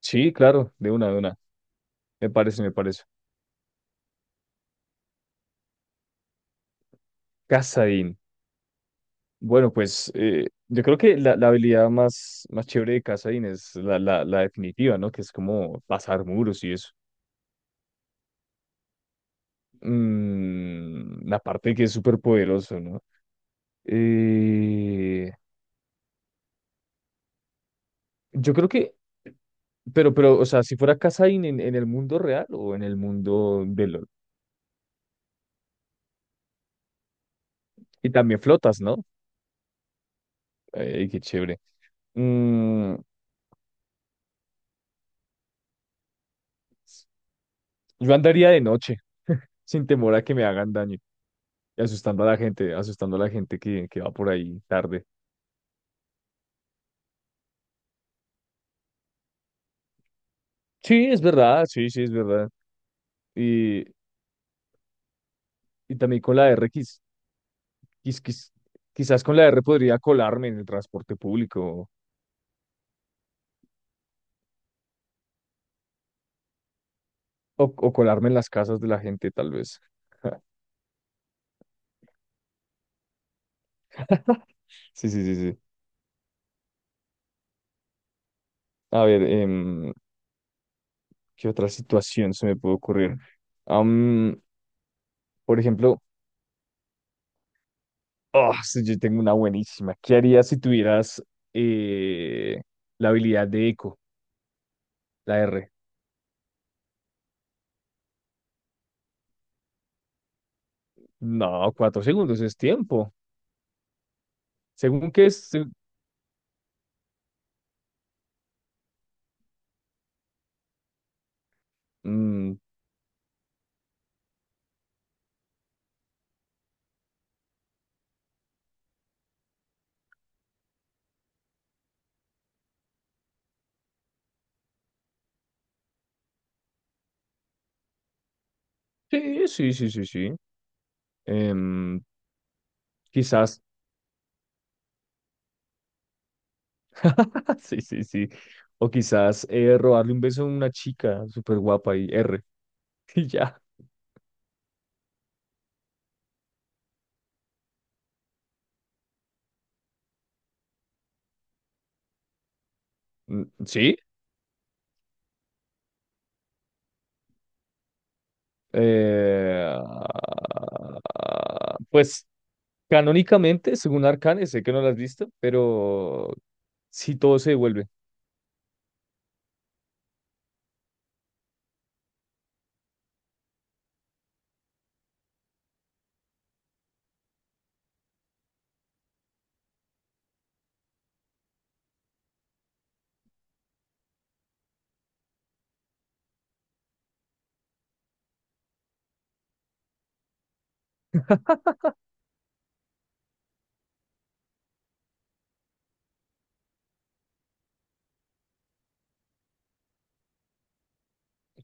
Sí, claro, de una, de una. Me parece, me parece. Kassadin. Bueno, pues yo creo que la habilidad más chévere de Kassadin es la definitiva, ¿no? Que es como pasar muros y eso. Mm, la parte que es súper poderoso, ¿no? Eh, yo creo que, pero, o sea, si fuera Kassadin en el mundo real o en el mundo de LOL. Y también flotas, ¿no? Ay, qué chévere. Mm, yo andaría de noche, sin temor a que me hagan daño, y asustando a la gente, asustando a la gente que va por ahí tarde. Sí, es verdad, sí, sí, es verdad. Y, y también con la R, quiz- quiz- quizás con la R podría colarme en el transporte público o colarme en las casas de la gente, tal vez. Sí, sí, sí, sí. A ver, ¿qué otra situación se me puede ocurrir? Am, por ejemplo, ah, sí, yo tengo una buenísima. ¿Qué harías si tuvieras eh, la habilidad de eco, la R? No, cuatro segundos es tiempo. Según que es. Mm, sí, sí, sí, sí, sí. Em, quizás. Sí, sí, sí. O quizás robarle un beso a una chica súper guapa y R. Y ya. Mm. Sí. Eh, ah, pues canónicamente, según Arcane, sé que no la has visto, pero sí todo se devuelve.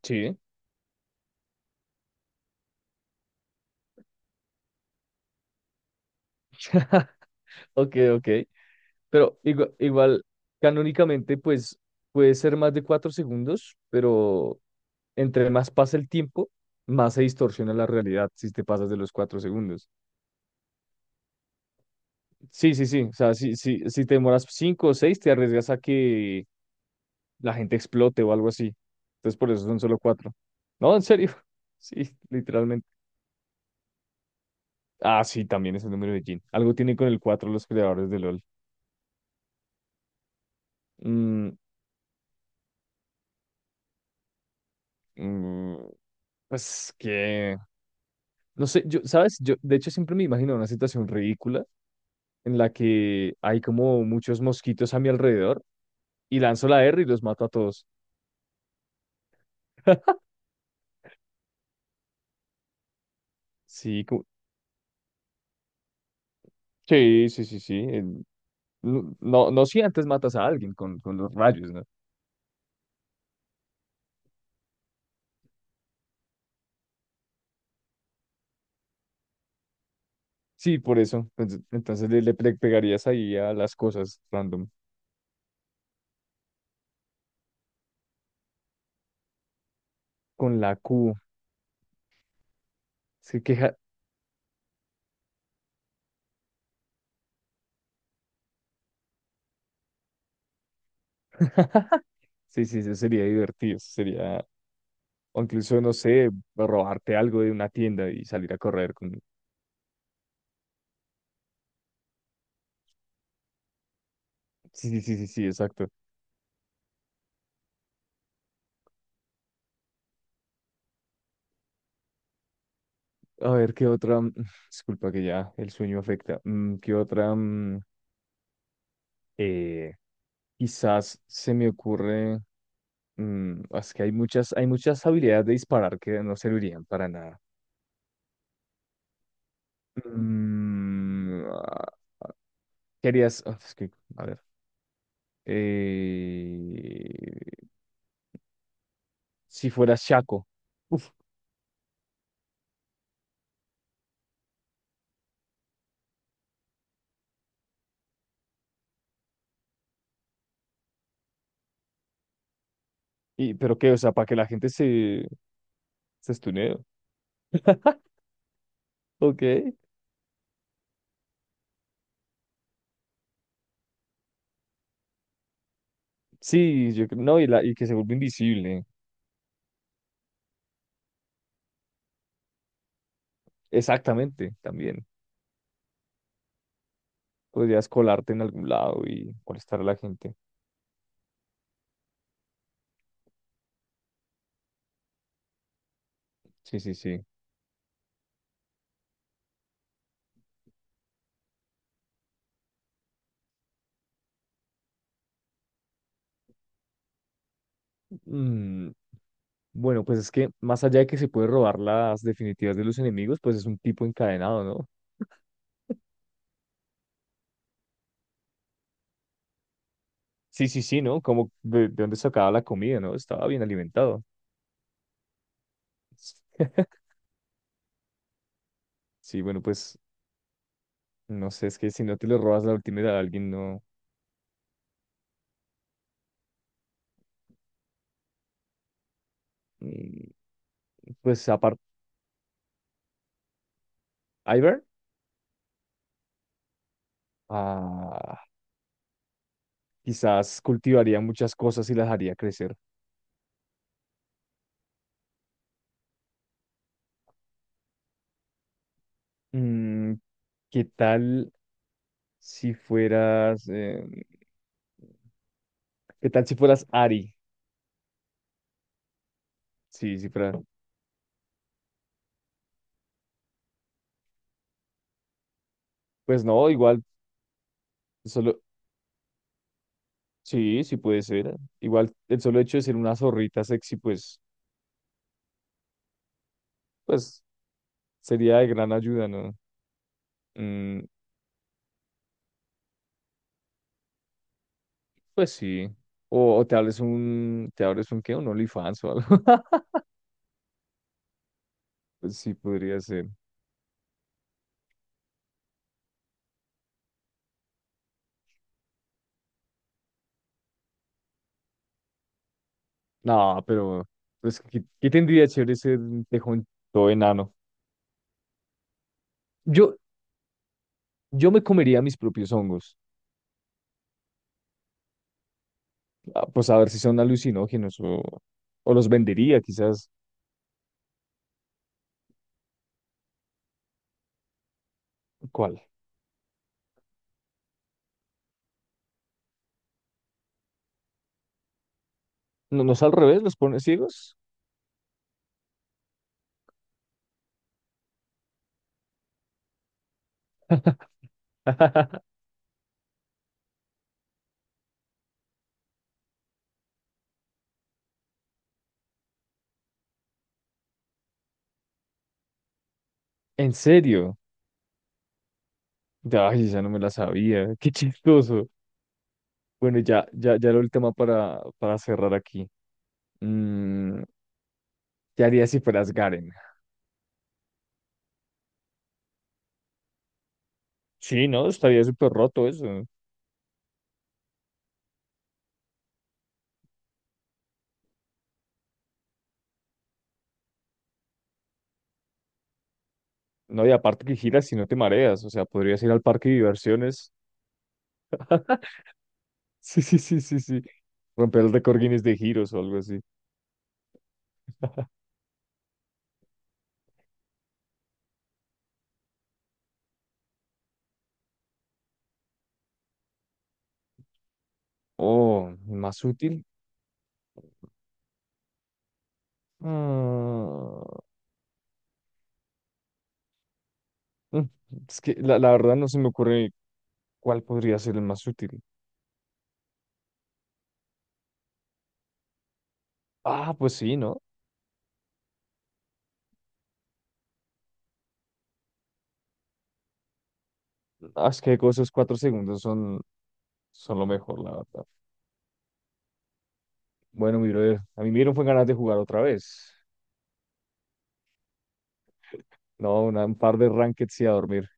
Sí. Ok, ok. Pero igual, canónicamente, pues puede ser más de cuatro segundos, pero entre más pasa el tiempo, más se distorsiona la realidad si te pasas de los cuatro segundos. Sí, sí, sí. O sea, si te demoras cinco o seis, te arriesgas a que la gente explote o algo así. Entonces, por eso son solo cuatro. No, en serio. Sí, literalmente. Ah, sí, también es el número de Jin. Algo tienen con el cuatro los creadores de LOL. Mm, mm, Pues que, no sé, yo, ¿sabes? Yo, de hecho, siempre me imagino una situación ridícula en la que hay como muchos mosquitos a mi alrededor y lanzo la R y los mato a todos. Sí, como- sí, sí, sí, sí. No, no, no si antes matas a alguien con los rayos, ¿no? Sí, por eso. Entonces, entonces pegarías ahí a las cosas random con la Q. Se queja. Sí, sí, eso sería divertido. Eso sería, o incluso, no sé, robarte algo de una tienda y salir a correr con... Sí, sí, sí, sí, sí, exacto. A ver, ¿qué otra? Disculpa que ya el sueño afecta. ¿Qué otra? Eh, quizás se me ocurre, ah, es que hay muchas habilidades de disparar que no servirían para nada. Mm, ah, ¿Qué harías? Ah, es que, a ver, eh, si fueras Shaco, uf, y, pero qué, o sea, para que la gente se, se estunee. Ok, sí, yo, no, y, la, y que se vuelva invisible. Exactamente, también. Podrías colarte en algún lado y molestar a la gente. Sí, sí, sí. Mm, bueno, pues es que más allá de que se puede robar las definitivas de los enemigos, pues es un tipo encadenado, ¿no? Sí, sí, sí, ¿no? Como de dónde sacaba la comida, ¿no? Estaba bien alimentado. Sí, bueno, pues no sé, es que si no te le robas la última de alguien, no. Mm. Pues aparte, Ivar, ah, quizás cultivaría muchas cosas y las haría crecer. Mm, ¿qué tal si fueras... ¿qué tal si fueras Ari? Sí, sí, fuera. Pues no, igual, solo, sí, sí puede ser. Igual, el solo hecho de ser una zorrita sexy, pues, pues, sería de gran ayuda, ¿no? Mm, pues sí. O te abres un, ¿qué? Un OnlyFans o algo. Pues sí, podría ser. No, pero, pues, ¿qué, qué tendría chévere ser un tejón todo enano? Yo, yo me comería mis propios hongos. Ah, pues a ver si son alucinógenos o los vendería, quizás. ¿Cuál? No, no es al revés, los pone ciegos. En serio. Ay, ya no me la sabía. Qué chistoso. Bueno, ya, ya, ya lo último para cerrar aquí. Mm, ¿Qué harías si fueras Garen? Sí, no, estaría súper roto eso. No, y aparte que giras y no te mareas. O sea, podrías ir al parque de diversiones. Sí, sí, sí, sí, sí. Romper el récord Guinness de giros o algo así. Oh, más útil. Ah, mm, es que la verdad no se me ocurre cuál podría ser el más útil. Ah, pues sí, ¿no? Ah, es que esos cuatro segundos son, son lo mejor, la verdad. Bueno, mi brother, a mí me dieron fue ganas de jugar otra vez. No, un par de rankeds y a dormir,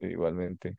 igualmente.